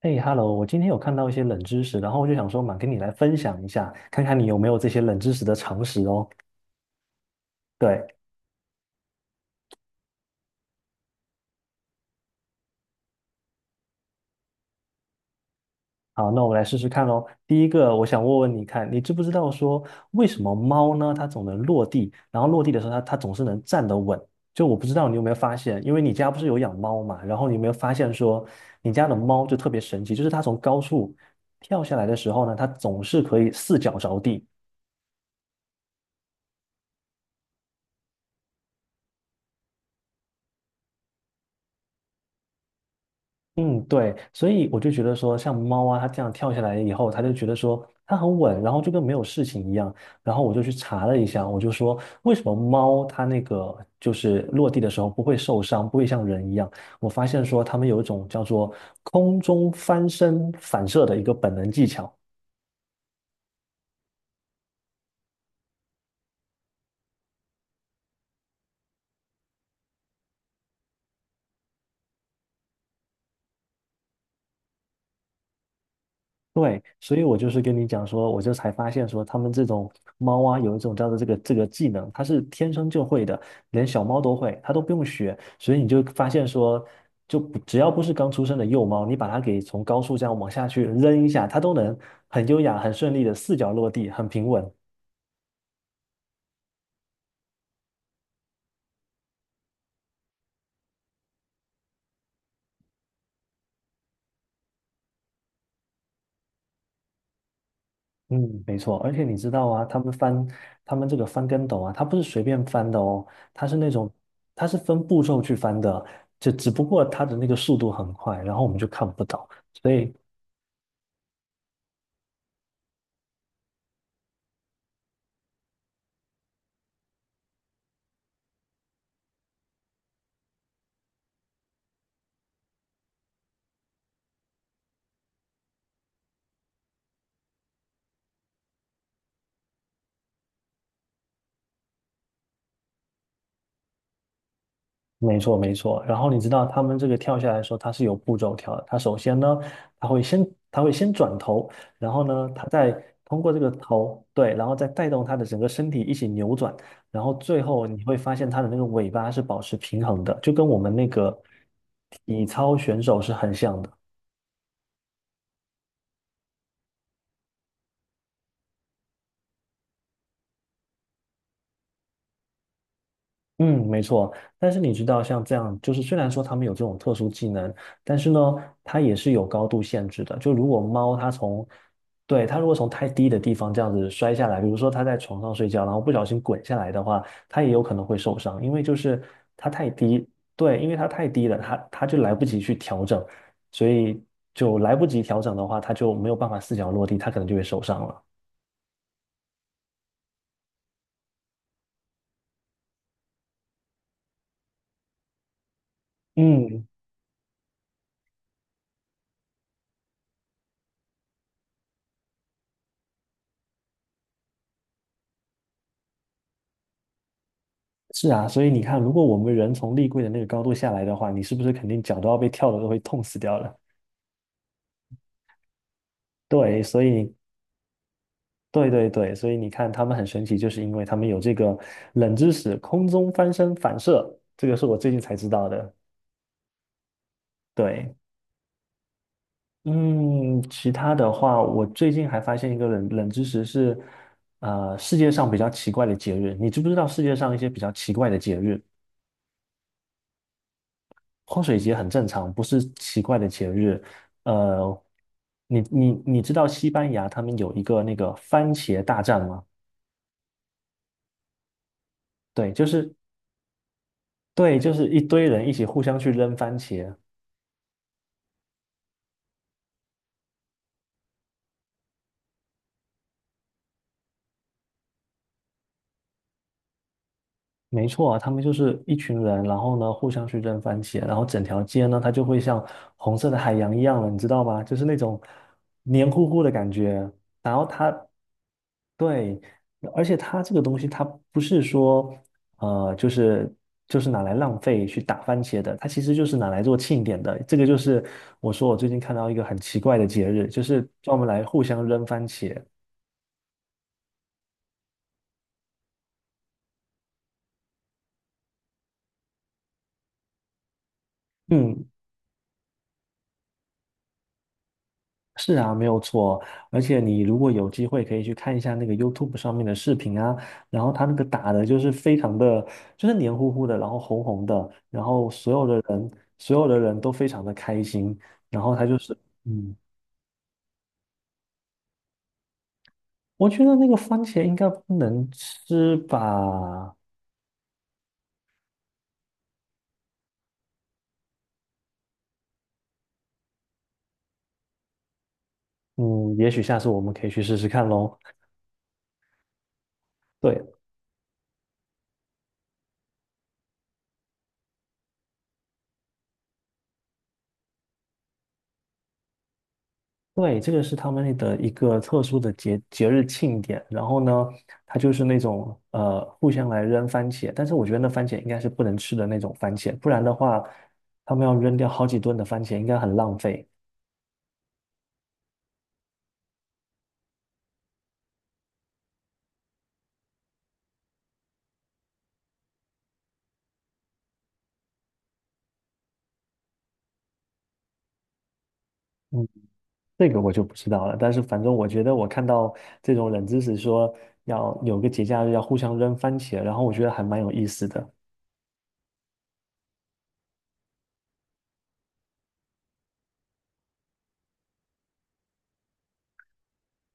嘿 h e l l o 我今天有看到一些冷知识，然后我就想说，嘛，跟你来分享一下，看看你有没有这些冷知识的常识哦。对，好，那我们来试试看喽。第一个，我想问问你看，你知不知道说为什么猫呢，它总能落地，然后落地的时候它总是能站得稳？就我不知道你有没有发现，因为你家不是有养猫嘛，然后你有没有发现说你家的猫就特别神奇，就是它从高处跳下来的时候呢，它总是可以四脚着地。嗯，对，所以我就觉得说，像猫啊，它这样跳下来以后，它就觉得说它很稳，然后就跟没有事情一样。然后我就去查了一下，我就说为什么猫它那个就是落地的时候不会受伤，不会像人一样。我发现说它们有一种叫做空中翻身反射的一个本能技巧。对，所以我就是跟你讲说，我就才发现说，他们这种猫啊，有一种叫做这个技能，它是天生就会的，连小猫都会，它都不用学。所以你就发现说，就不只要不是刚出生的幼猫，你把它给从高处这样往下去扔一下，它都能很优雅、很顺利的四脚落地，很平稳。嗯，没错。而且你知道啊，他们这个翻跟斗啊，他不是随便翻的哦，他是那种他是分步骤去翻的，就只不过他的那个速度很快，然后我们就看不到。所以没错，没错。然后你知道他们这个跳下来的时候，它是有步骤跳的。它首先呢，它会先转头，然后呢，它再通过这个头，对，然后再带动它的整个身体一起扭转，然后最后你会发现它的那个尾巴是保持平衡的，就跟我们那个体操选手是很像的。嗯，没错。但是你知道，像这样，就是虽然说他们有这种特殊技能，但是呢，它也是有高度限制的。就如果猫它从，对，它如果从太低的地方这样子摔下来，比如说它在床上睡觉，然后不小心滚下来的话，它也有可能会受伤，因为就是它太低，对，因为它太低了，它就来不及去调整，所以就来不及调整的话，它就没有办法四脚落地，它可能就会受伤了。嗯，是啊，所以你看，如果我们人从立柜的那个高度下来的话，你是不是肯定脚都要被跳的都会痛死掉了？对，对对对，所以你看他们很神奇，就是因为他们有这个冷知识，空中翻身反射，这个是我最近才知道的。对，嗯，其他的话，我最近还发现一个冷知识是，世界上比较奇怪的节日。你知不知道世界上一些比较奇怪的节日？泼水节很正常，不是奇怪的节日。呃，你知道西班牙他们有一个那个番茄大战吗？对，对，就是一堆人一起互相去扔番茄。没错啊，他们就是一群人，然后呢互相去扔番茄，然后整条街呢它就会像红色的海洋一样了。你知道吗？就是那种黏糊糊的感觉。然后它，对，而且它这个东西它不是说呃就是拿来浪费去打番茄的，它其实就是拿来做庆典的。这个就是我说我最近看到一个很奇怪的节日，就是专门来互相扔番茄。嗯，是啊，没有错。而且你如果有机会，可以去看一下那个 YouTube 上面的视频啊，然后他那个打的就是非常的，就是黏糊糊的，然后红红的，然后所有的人都非常的开心。然后他就是，嗯，我觉得那个番茄应该不能吃吧。嗯，也许下次我们可以去试试看喽。对，对，这个是他们的一个特殊的节日庆典，然后呢，它就是那种互相来扔番茄，但是我觉得那番茄应该是不能吃的那种番茄，不然的话，他们要扔掉好几吨的番茄，应该很浪费。嗯，这个我就不知道了，但是反正我觉得我看到这种冷知识说要有个节假日要互相扔番茄，然后我觉得还蛮有意思的。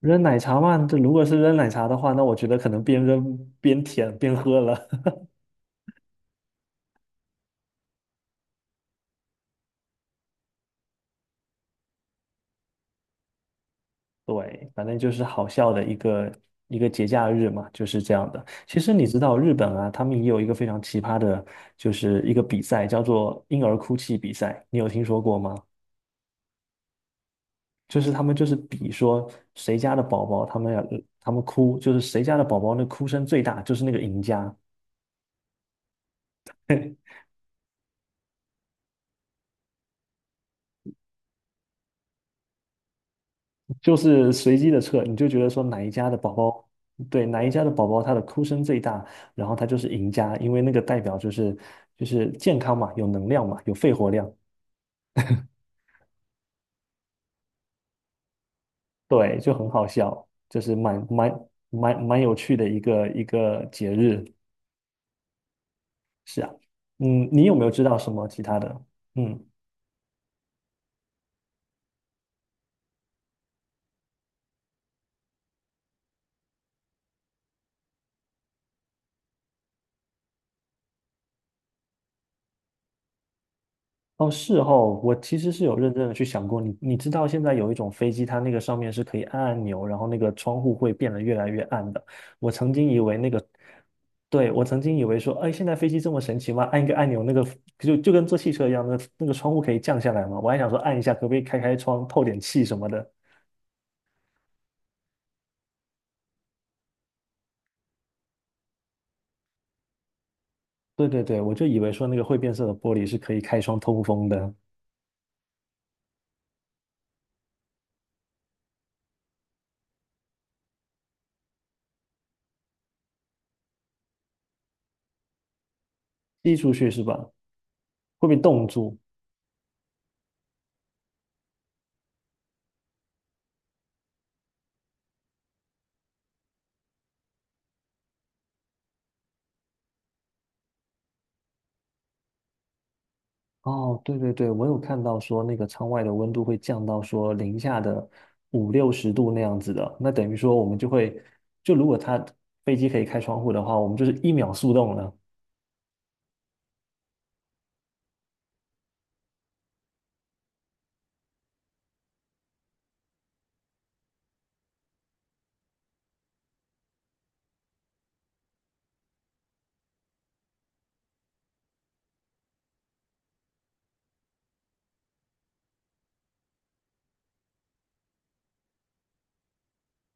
扔奶茶嘛，这如果是扔奶茶的话，那我觉得可能边扔边舔边喝了。对，反正就是好笑的一个节假日嘛，就是这样的。其实你知道日本啊，他们也有一个非常奇葩的，就是一个比赛，叫做婴儿哭泣比赛，你有听说过吗？就是他们就是比说谁家的宝宝，他们哭，就是谁家的宝宝那哭声最大，就是那个赢家。就是随机的测，你就觉得说哪一家的宝宝，对，哪一家的宝宝他的哭声最大，然后他就是赢家，因为那个代表就是健康嘛，有能量嘛，有肺活量。对，就很好笑，就是蛮有趣的一个节日。是啊。嗯，你有没有知道什么其他的？嗯，哦，事后我其实是有认真的去想过。你知道现在有一种飞机，它那个上面是可以按按钮，然后那个窗户会变得越来越暗的。我曾经以为那个，对，我曾经以为说，哎，现在飞机这么神奇吗？按一个按钮，那个就跟坐汽车一样，那个窗户可以降下来吗？我还想说按一下，可不可以开开窗透点气什么的。对对对，我就以为说那个会变色的玻璃是可以开窗通风的。滴出去是吧？会被冻住。哦，对对对，我有看到说那个窗外的温度会降到说零下的五六十度那样子的，那等于说我们就会，就如果它飞机可以开窗户的话，我们就是一秒速冻了！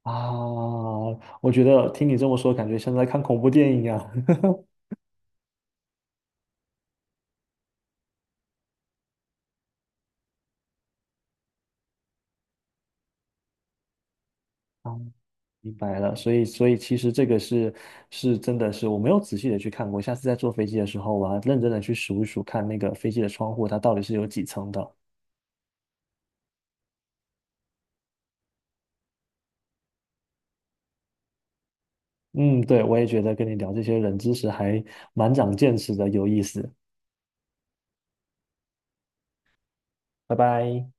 啊！我觉得听你这么说，感觉像在看恐怖电影啊。哦，明白了，所以其实这个是真的是我没有仔细的去看过。下次在坐飞机的时候，我要认真的去数一数，看那个飞机的窗户它到底是有几层的。嗯，对，我也觉得跟你聊这些冷知识还蛮长见识的，有意思。拜拜。